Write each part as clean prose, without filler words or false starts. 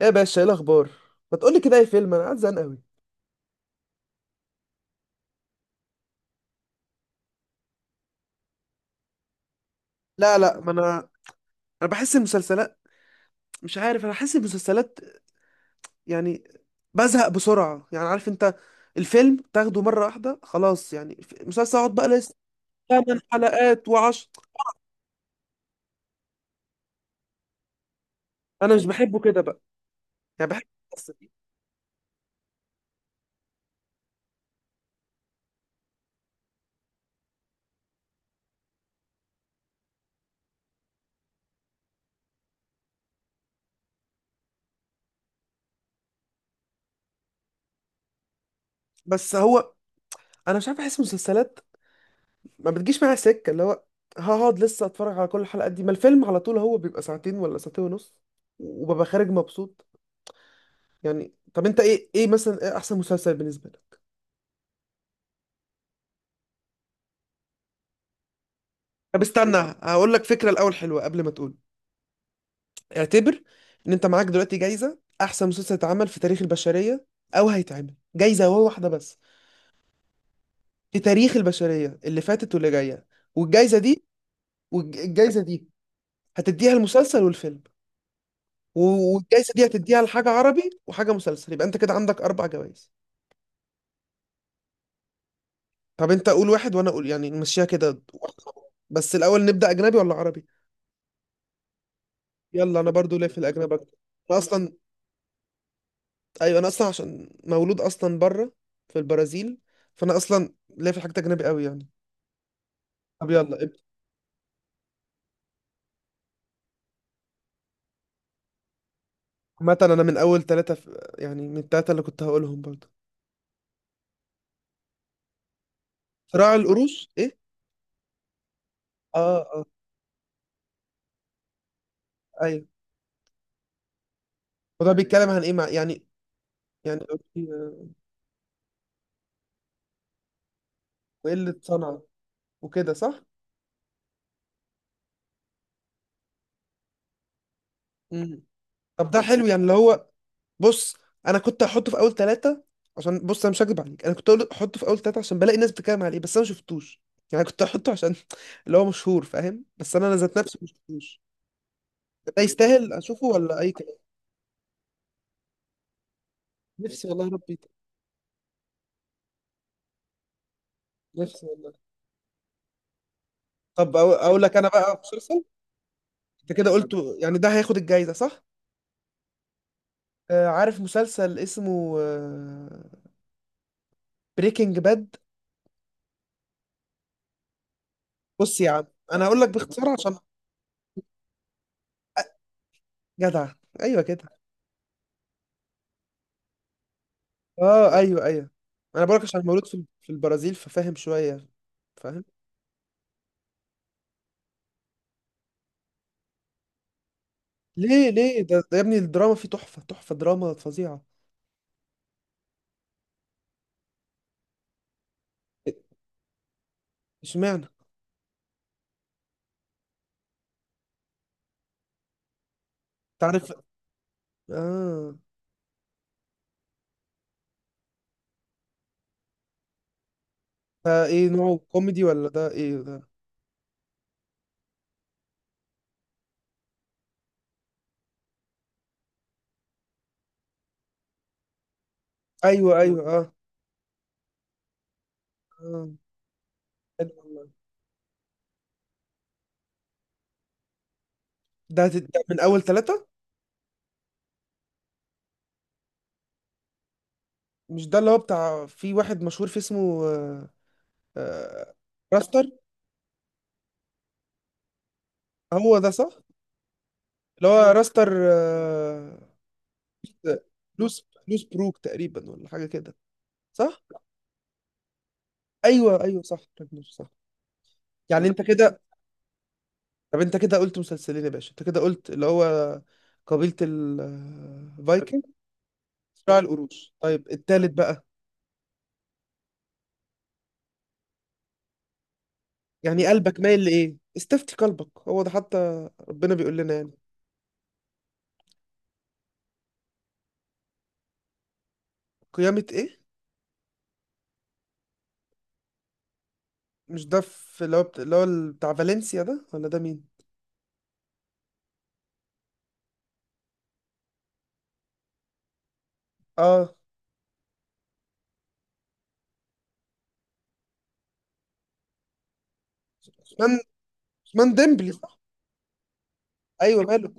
ايه يا باشا، ايه الاخبار؟ ما تقولي كده اي فيلم، انا قاعد زهقان قوي. لا لا، ما انا بحس المسلسلات، مش عارف. انا بحس المسلسلات يعني بزهق بسرعه، يعني عارف انت. الفيلم تاخده مره واحده خلاص، يعني مسلسل اقعد بقى لسه ثمان حلقات وعشر. انا مش بحبه كده بقى، يعني بحب القصة دي. بس هو انا مش عارف، احس المسلسلات ما بتجيش معايا سكه، اللي هو هقعد لسه اتفرج على كل الحلقات دي؟ ما الفيلم على طول هو بيبقى ساعتين ولا ساعتين ونص، وببقى خارج مبسوط. يعني طب انت ايه مثلا، ايه احسن مسلسل بالنسبه لك؟ طب استنى، هقول لك فكره الاول حلوه قبل ما تقول. اعتبر ان انت معاك دلوقتي جايزه احسن مسلسل اتعمل في تاريخ البشريه، او هيتعمل. جايزه هو واحده بس، في تاريخ البشريه اللي فاتت واللي جايه. والجايزه دي والجايزه دي هتديها المسلسل والفيلم. والجايزه دي هتديها لحاجه عربي وحاجه مسلسل، يبقى انت كده عندك اربع جوائز. طب انت قول واحد وانا اقول، يعني نمشيها كده واحدة. بس الاول نبدا اجنبي ولا عربي؟ يلا. انا برضو ليه في الاجنبي أكتر، انا اصلا. ايوه، انا اصلا عشان مولود اصلا بره، في البرازيل، فانا اصلا ليا في الحاجات اجنبي قوي يعني. طب يلا ابدا. عامة انا من اول ثلاثة في، يعني من الثلاثة اللي كنت هقولهم برضه. صراع القروش؟ ايه؟ اه اه، ايوه. وده بيتكلم عن ايه مع يعني، يعني أوكي، وقلة صنع وكده صح. مم. طب ده حلو يعني، اللي هو بص، انا كنت هحطه في اول ثلاثة، عشان بص، انا مش هكدب عليك، انا كنت احطه في اول ثلاثة عشان بلاقي ناس بتتكلم عليه، بس انا ما شفتوش. يعني كنت احطه عشان اللي هو مشهور، فاهم؟ بس انا ذات نفسي ما شفتوش. ده يستاهل اشوفه ولا اي كلام؟ نفسي والله يا ربي، نفسي والله. طب اقول لك انا بقى مسلسل. انت كده قلت، يعني ده هياخد الجايزه صح؟ آه، عارف مسلسل اسمه بريكنج باد؟ بص يا عم، انا هقول لك باختصار عشان. جدع! ايوه كده. اه، ايوه ايوه. انا بقولك عشان مولود في البرازيل ففاهم شويه، فاهم؟ ليه ليه ده يا ابني الدراما فيه تحفه تحفه، دراما فظيعه. اشمعنى؟ تعرف. اه. ده ايه نوعه، كوميدي ولا ده ايه ده؟ ايوه ايوه، اه، آه، حلو والله. ده من اول ثلاثة. مش ده اللي هو بتاع في واحد مشهور فيه اسمه آه، راستر؟ هو ده صح. اللي هو راستر، لوس لوس بروك تقريبا ولا حاجة كده. صح. ايوه ايوه صح، راجنر صح. يعني انت كده، طب انت كده قلت مسلسلين يا باشا، انت كده قلت اللي هو قبيلة الفايكنج، صراع القروش، طيب التالت بقى. يعني قلبك مايل لايه؟ استفتي قلبك، هو ده حتى ربنا بيقول لنا يعني. قيامة ايه؟ مش ده في اللي هو اللي هو بتاع فالنسيا ده، ولا ده مين؟ اه، عثمان. عثمان ديمبلي صح؟ ايوه ماله.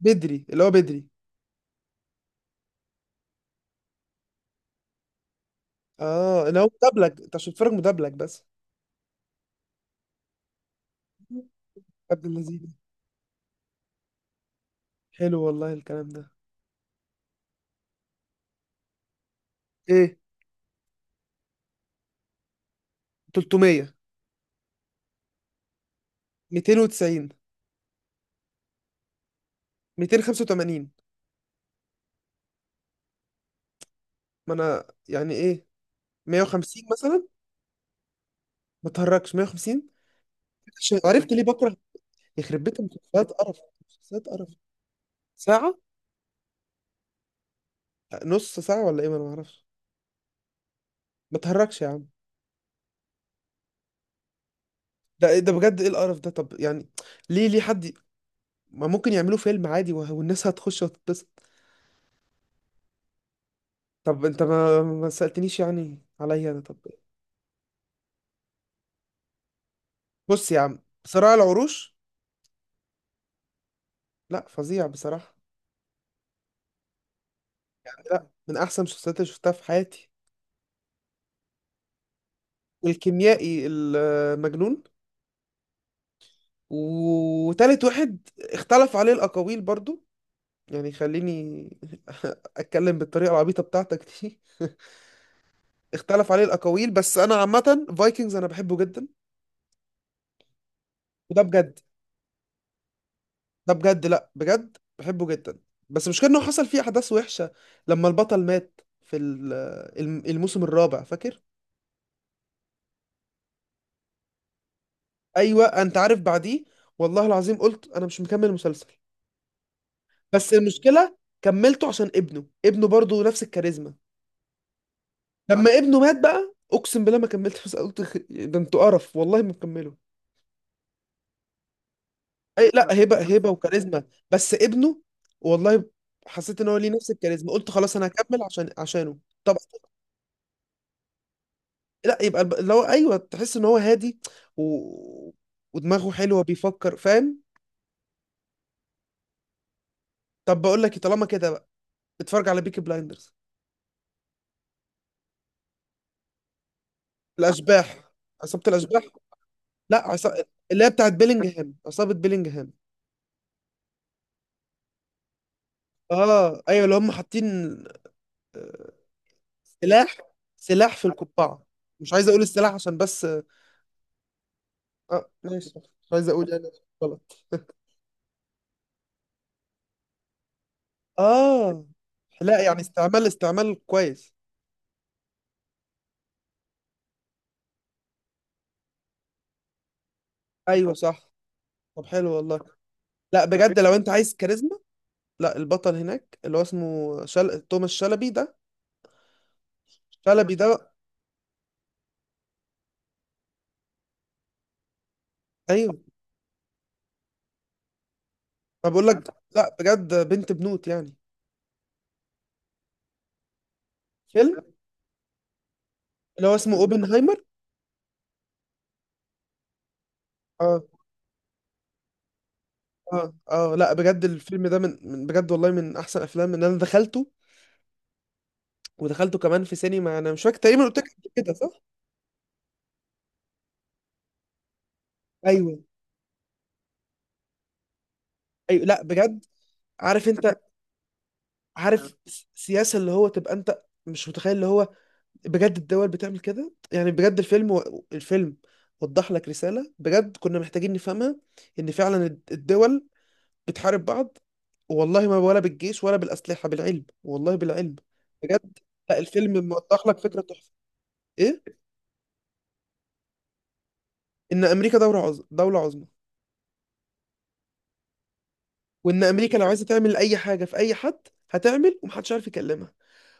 بدري اللي هو بدري. اه، اللي هو مدبلج انت عشان تتفرج مدبلج بس. عبد اللذيذ. حلو والله الكلام ده. ايه، 300؟ 290؟ 285؟ ما انا يعني ايه، 150 مثلا. ما تهركش، 150؟ عشان عرفت ليه بكره يخرب بيت المسلسلات قرف، مسلسلات قرف. ساعة؟ نص ساعة ولا ايه؟ ما انا ما اعرفش. ما تهركش يا عم. ده ايه ده بجد؟ ايه القرف ده طب يعني؟ ليه ليه حد ما ممكن يعملوا فيلم عادي والناس هتخش وتتبسط؟ طب انت ما سألتنيش يعني عليا انا. طب بص يا عم، صراع العروش. لا، فظيع بصراحة. لا، من احسن المسلسلات اللي شفتها في حياتي. والكيميائي المجنون. وتالت واحد اختلف عليه الاقاويل برضو، يعني خليني اتكلم بالطريقة العبيطة بتاعتك دي. اختلف عليه الاقاويل، بس انا عامة فايكنجز انا بحبه جدا، وده بجد، ده بجد، لا بجد بحبه جدا. بس مش انه حصل فيه احداث وحشه، لما البطل مات في الموسم الرابع، فاكر؟ ايوه، انت عارف بعديه، والله العظيم قلت انا مش مكمل المسلسل. بس المشكله كملته عشان ابنه برضه نفس الكاريزما. لما ابنه مات بقى اقسم بالله ما كملت، بس قلت ده انتوا قرف والله، ما مكمله. اي لا، هبه هبه وكاريزما، بس ابنه والله حسيت ان هو ليه نفس الكاريزما، قلت خلاص انا هكمل عشانه. طب لا يبقى اللي هو، ايوه، تحس ان هو هادي، و... ودماغه حلوه بيفكر، فاهم؟ طب بقول لك إيه، طالما كده بقى اتفرج على بيكي بلايندرز. الاشباح، عصابه الاشباح. لا، عصابة اللي هي بتاعت بيلينجهام، عصابه بيلينجهام. اه ايوه، اللي هم حاطين آه، سلاح، سلاح في القبعه. مش عايز اقول السلاح عشان، بس اه. آه، ماشي. مش عايز اقول يعني غلط. اه لا يعني، استعمال كويس. ايوه صح. طب حلو والله. لا بجد لو انت عايز كاريزما، لا البطل هناك اللي هو اسمه توماس شلبي ده، شلبي ده. ايوه انا بقول لك، لا بجد بنت بنوت يعني. فيلم اللي هو اسمه اوبنهايمر. اه، اه اه، لا بجد الفيلم ده من بجد والله من احسن افلام ان انا دخلته، ودخلته كمان في سينما، انا مش فاكر تقريبا قلت لك قبل كده صح. ايوه ايوه، لا بجد. عارف انت، عارف السياسه اللي هو تبقى انت مش متخيل اللي هو، بجد الدول بتعمل كده. يعني بجد الفيلم الفيلم وضح لك رسالة بجد كنا محتاجين نفهمها، ان فعلا الدول بتحارب بعض، والله، ما ولا بالجيش ولا بالأسلحة، بالعلم والله، بالعلم. بجد، لا الفيلم موضح لك فكرة تحفة. ايه، ان امريكا دولة عظمى، دولة عظمى، وان امريكا لو عايزة تعمل اي حاجة في اي حد هتعمل، ومحدش عارف يكلمها.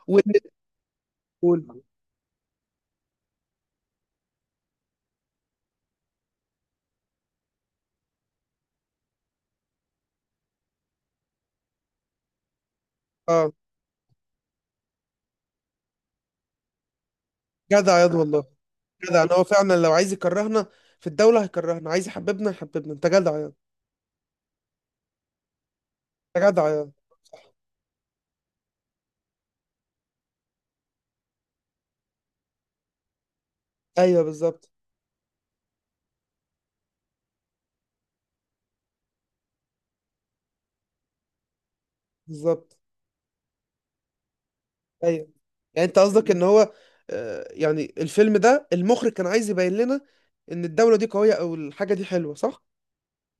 وان تقول، اه. جدع ياض والله! جدع، ان هو فعلا لو عايز يكرهنا في الدولة هيكرهنا، عايز يحببنا يحببنا. انت جدع ياض. انت جدع ياض. ايوه بالظبط. بالظبط ايوه. يعني انت قصدك ان هو يعني الفيلم ده المخرج كان عايز يبين لنا ان الدولة دي قوية، او الحاجة دي حلوة صح؟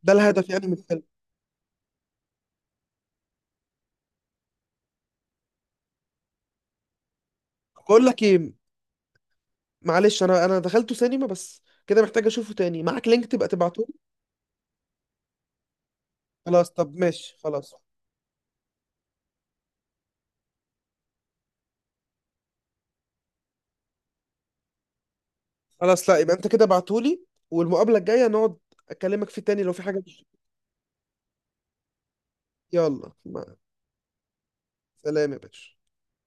ده الهدف يعني من الفيلم. بقول لك ايه، معلش، انا دخلته سينما، بس كده محتاج اشوفه تاني، معاك لينك تبقى تبعته لي. خلاص طب ماشي خلاص. خلاص، لا يبقى انت كده بعتولي، والمقابلة الجاية نقعد اكلمك فيه تاني لو في حاجة يلا سلام يا باشا.